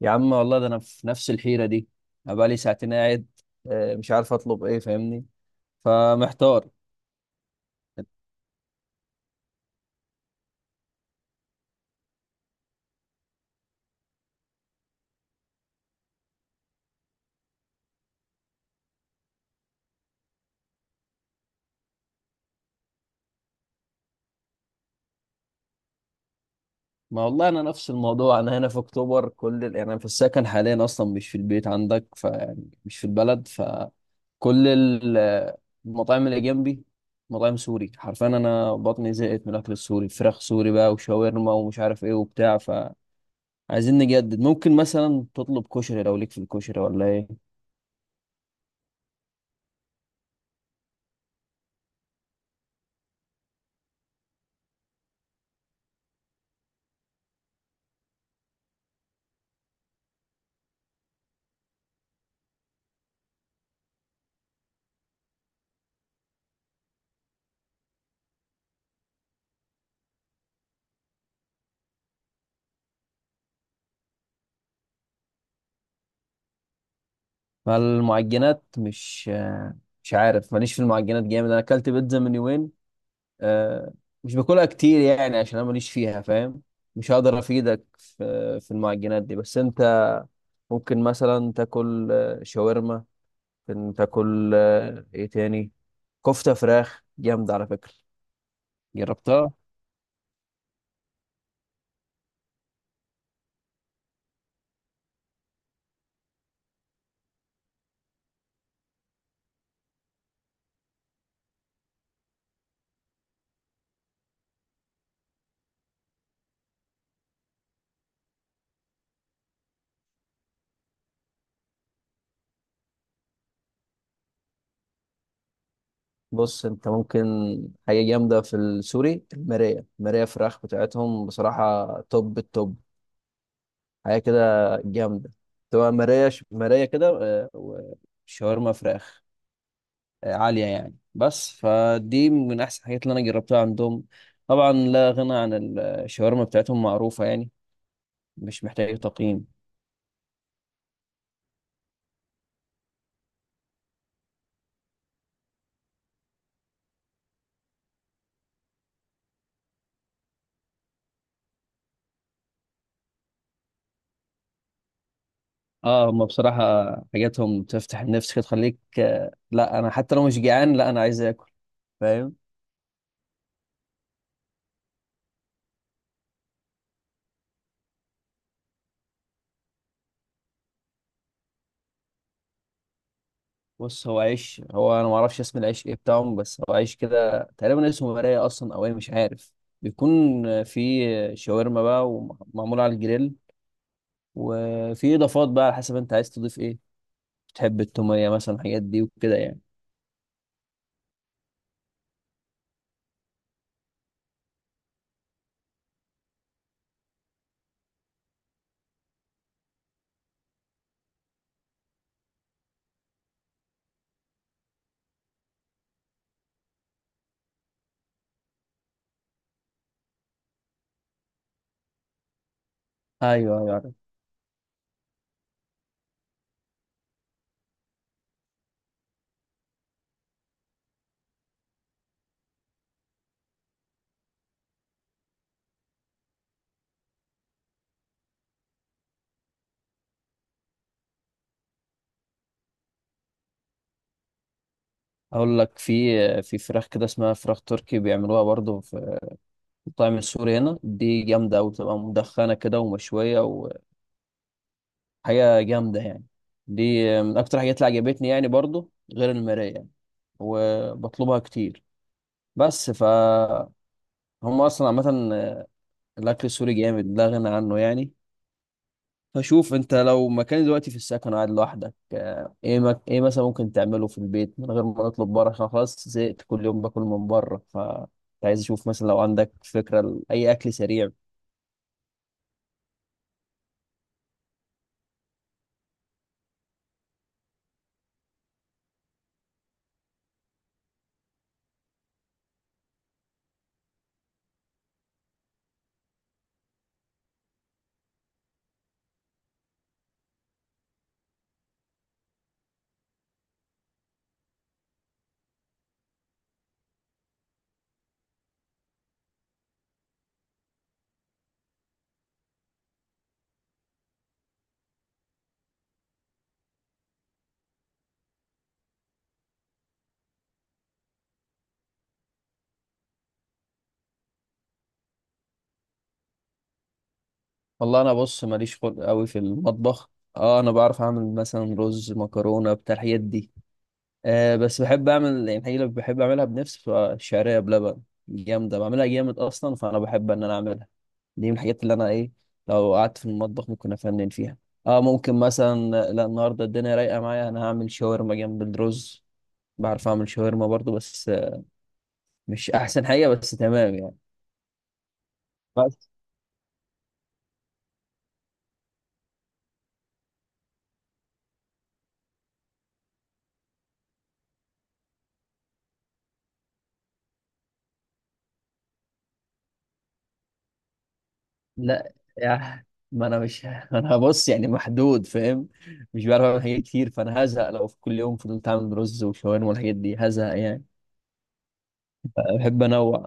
يا عم والله ده انا في نفس الحيره دي. انا بقالي ساعتين قاعد، مش عارف اطلب ايه فاهمني، فمحتار. ما والله انا نفس الموضوع. انا هنا في اكتوبر، يعني انا في السكن حاليا اصلا مش في البيت عندك فيعني مش في البلد، فكل المطاعم اللي جنبي مطاعم سوري حرفيا. انا بطني زهقت من الاكل السوري، فراخ سوري بقى وشاورما ومش عارف ايه وبتاع. فعايزين نجدد، ممكن مثلا تطلب كشري لو ليك في الكشري ولا ايه؟ فالمعجنات مش عارف، ماليش في المعجنات جامد، انا اكلت بيتزا من يومين. آه، مش باكلها كتير يعني عشان انا ماليش فيها فاهم. مش هقدر افيدك في المعجنات دي. بس انت ممكن مثلا تاكل شاورما، ممكن تاكل ايه تاني، كفتة فراخ جامدة على فكرة، جربتها. بص انت ممكن، حاجة جامدة في السوري المراية. المراية فراخ بتاعتهم بصراحة توب التوب، حاجه كده جامده. تبقى مرايه كده، وشاورما فراخ عاليه يعني. بس فدي من احسن الحاجات اللي انا جربتها عندهم. طبعا لا غنى عن الشاورما بتاعتهم، معروفه يعني مش محتاجه تقييم. اه، هم بصراحه حاجاتهم تفتح النفس كده، تخليك لا انا حتى لو مش جعان، لا انا عايز اكل، فاهم. بص هو عيش، هو انا ما اعرفش اسم العيش ايه بتاعهم، بس هو عيش كده تقريبا اسمه مرايه اصلا او ايه مش عارف. بيكون فيه شاورما بقى ومعمول على الجريل، وفي اضافات بقى على حسب انت عايز تضيف ايه. بتحب التوميه مثلا، الحاجات دي وكده يعني. ايوه، ايوه، عارف. اقول لك في فراخ كده اسمها فراخ تركي بيعملوها برضو في المطاعم السوري هنا، دي جامده قوي بتبقى مدخنه كده ومشويه، حاجة جامدة يعني. دي من أكتر حاجات اللي عجبتني يعني برضو غير المراية يعني، وبطلبها كتير. بس هم أصلا عامة الأكل السوري جامد لا غنى عنه يعني. فشوف أنت لو مكان دلوقتي في السكن قاعد لوحدك، إيه مثلا ممكن تعمله في البيت من غير ما نطلب بره عشان خلاص زهقت كل يوم باكل من بره، ف كنت عايز أشوف مثلا لو عندك فكرة لأي أكل سريع. والله أنا بص ماليش خلق قوي في المطبخ. اه، انا بعرف اعمل مثلا رز مكرونه بتاع الحاجات دي. أه بس بحب اعمل يعني الحقيقة، اللي بحب اعملها بنفسي بتبقى الشعريه بلبن، جامده بعملها جامد اصلا، فانا بحب ان انا اعملها. دي من الحاجات اللي انا ايه، لو قعدت في المطبخ ممكن افنن فيها. اه ممكن مثلا، لا النهارده الدنيا رايقه معايا، انا هعمل شاورما جنب الرز. بعرف اعمل شاورما برضو بس مش احسن حاجه بس تمام يعني. بس لا يعني ما انا مش انا هبص يعني محدود، فاهم، مش بعرف اعمل حاجات كتير فانا هزهق لو في كل يوم فضلت اعمل رز وشاورما والحاجات دي هزهق يعني، بحب انوع.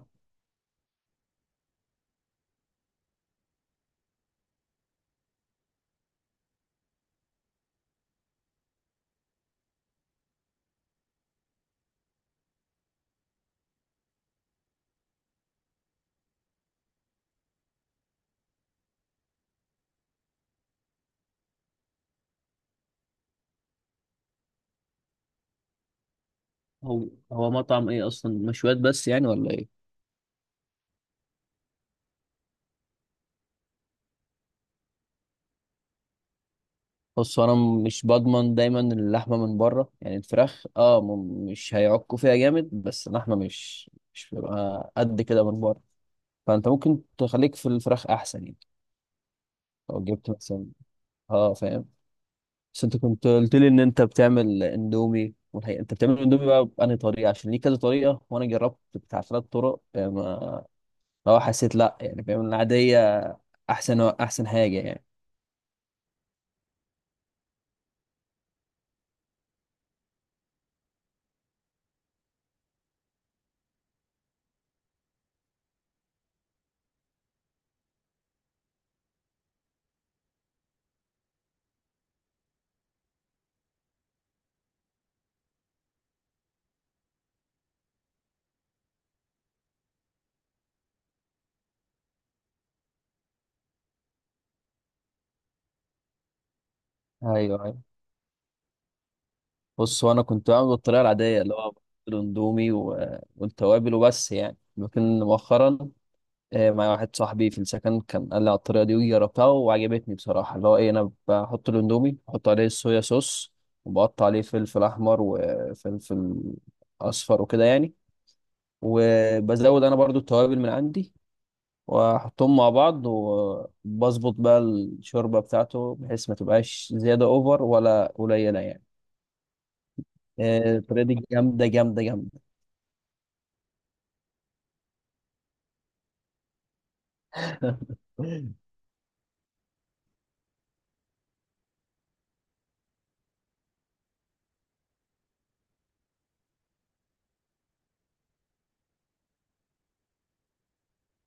هو مطعم ايه اصلا مشويات بس يعني ولا ايه؟ بص هو انا مش بضمن دايما اللحمه من بره يعني، الفراخ مش هيعكوا فيها جامد، بس اللحمه مش بيبقى قد كده من بره، فانت ممكن تخليك في الفراخ احسن يعني، لو جبت مثلا، اه فاهم. بس انت كنت قلت لي ان انت بتعمل اندومي، والحقيقه انت بتعمل اندومي بقى بأنهي طريقه عشان ليه كذا طريقه، وانا جربت بتاع ثلاث طرق يعني، ما لو حسيت لا يعني بيعمل العاديه احسن احسن حاجه يعني. ايوه، بص هو انا كنت بعمل بالطريقه العاديه اللي هو الاندومي والتوابل وبس يعني، لكن مؤخرا مع واحد صاحبي في السكن كان قال لي على الطريقه دي وجربتها وعجبتني بصراحه، اللي هو ايه، انا بحط الاندومي، بحط عليه الصويا صوص، وبقطع عليه فلفل احمر وفلفل اصفر وكده يعني، وبزود انا برضو التوابل من عندي واحطهم مع بعض وبظبط بقى الشوربه بتاعته بحيث ما تبقاش زياده اوفر ولا قليله يعني. الطريقه دي جامده جامده جامده.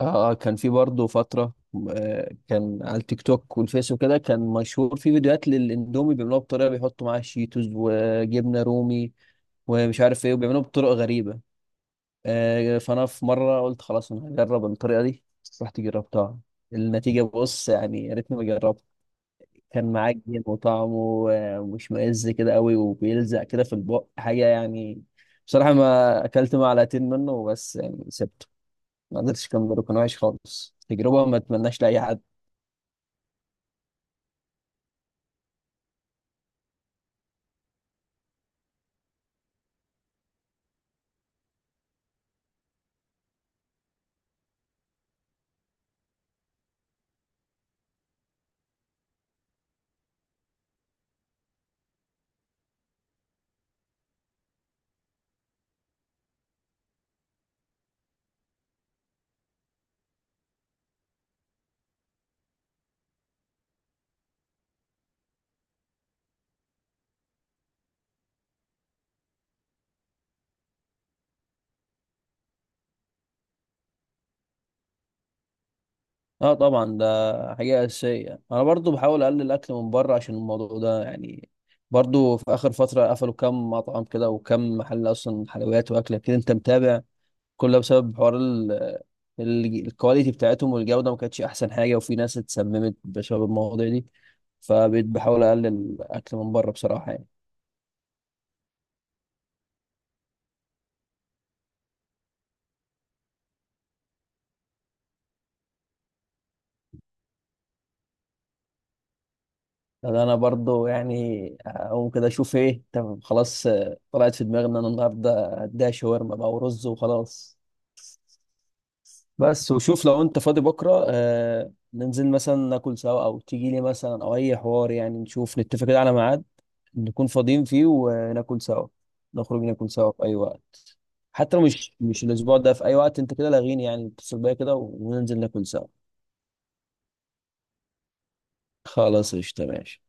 اه اه، كان في برضه فترة، كان على التيك توك والفيس وكده، كان مشهور في فيديوهات للاندومي بيعملوها بطريقة بيحطوا معاها شيتوز وجبنة رومي ومش عارف ايه وبيعملوها بطرق غريبة. فانا في مرة قلت خلاص انا هجرب الطريقة دي، رحت جربتها، النتيجة بص يعني يا ريتني ما جربت. كان معجن وطعمه مش مئز كده قوي وبيلزق كده في البق، حاجة يعني. بصراحة ما أكلت معلقتين منه بس يعني سبت. ما قدرتش، كان وحش خالص، تجربة ما اتمناش لأي حد. اه طبعا ده حاجة أساسية، أنا برضو بحاول أقلل الأكل من بره عشان الموضوع ده يعني. برضو في آخر فترة قفلوا كام مطعم كده وكم محل أصلا حلويات وأكل كده، أنت متابع، كل ده بسبب حوار الكواليتي بتاعتهم والجودة، ما كانتش أحسن حاجة، وفي ناس اتسممت بسبب المواضيع دي، فبقيت بحاول أقلل الأكل من بره بصراحة يعني. ده انا برضو يعني اقوم كده اشوف ايه، طب خلاص طلعت في دماغي ان انا النهارده هديها شاورما بقى ورز وخلاص. بس وشوف لو انت فاضي بكره ننزل مثلا ناكل سوا، او تيجي لي مثلا، او اي حوار يعني، نشوف نتفق كده على ميعاد نكون فاضيين فيه وناكل سوا، نخرج ناكل سوا في اي وقت. حتى لو مش الاسبوع ده، في اي وقت انت كده لاغيني يعني اتصل بيا كده وننزل ناكل سوا. خلاص قشطة ماشي.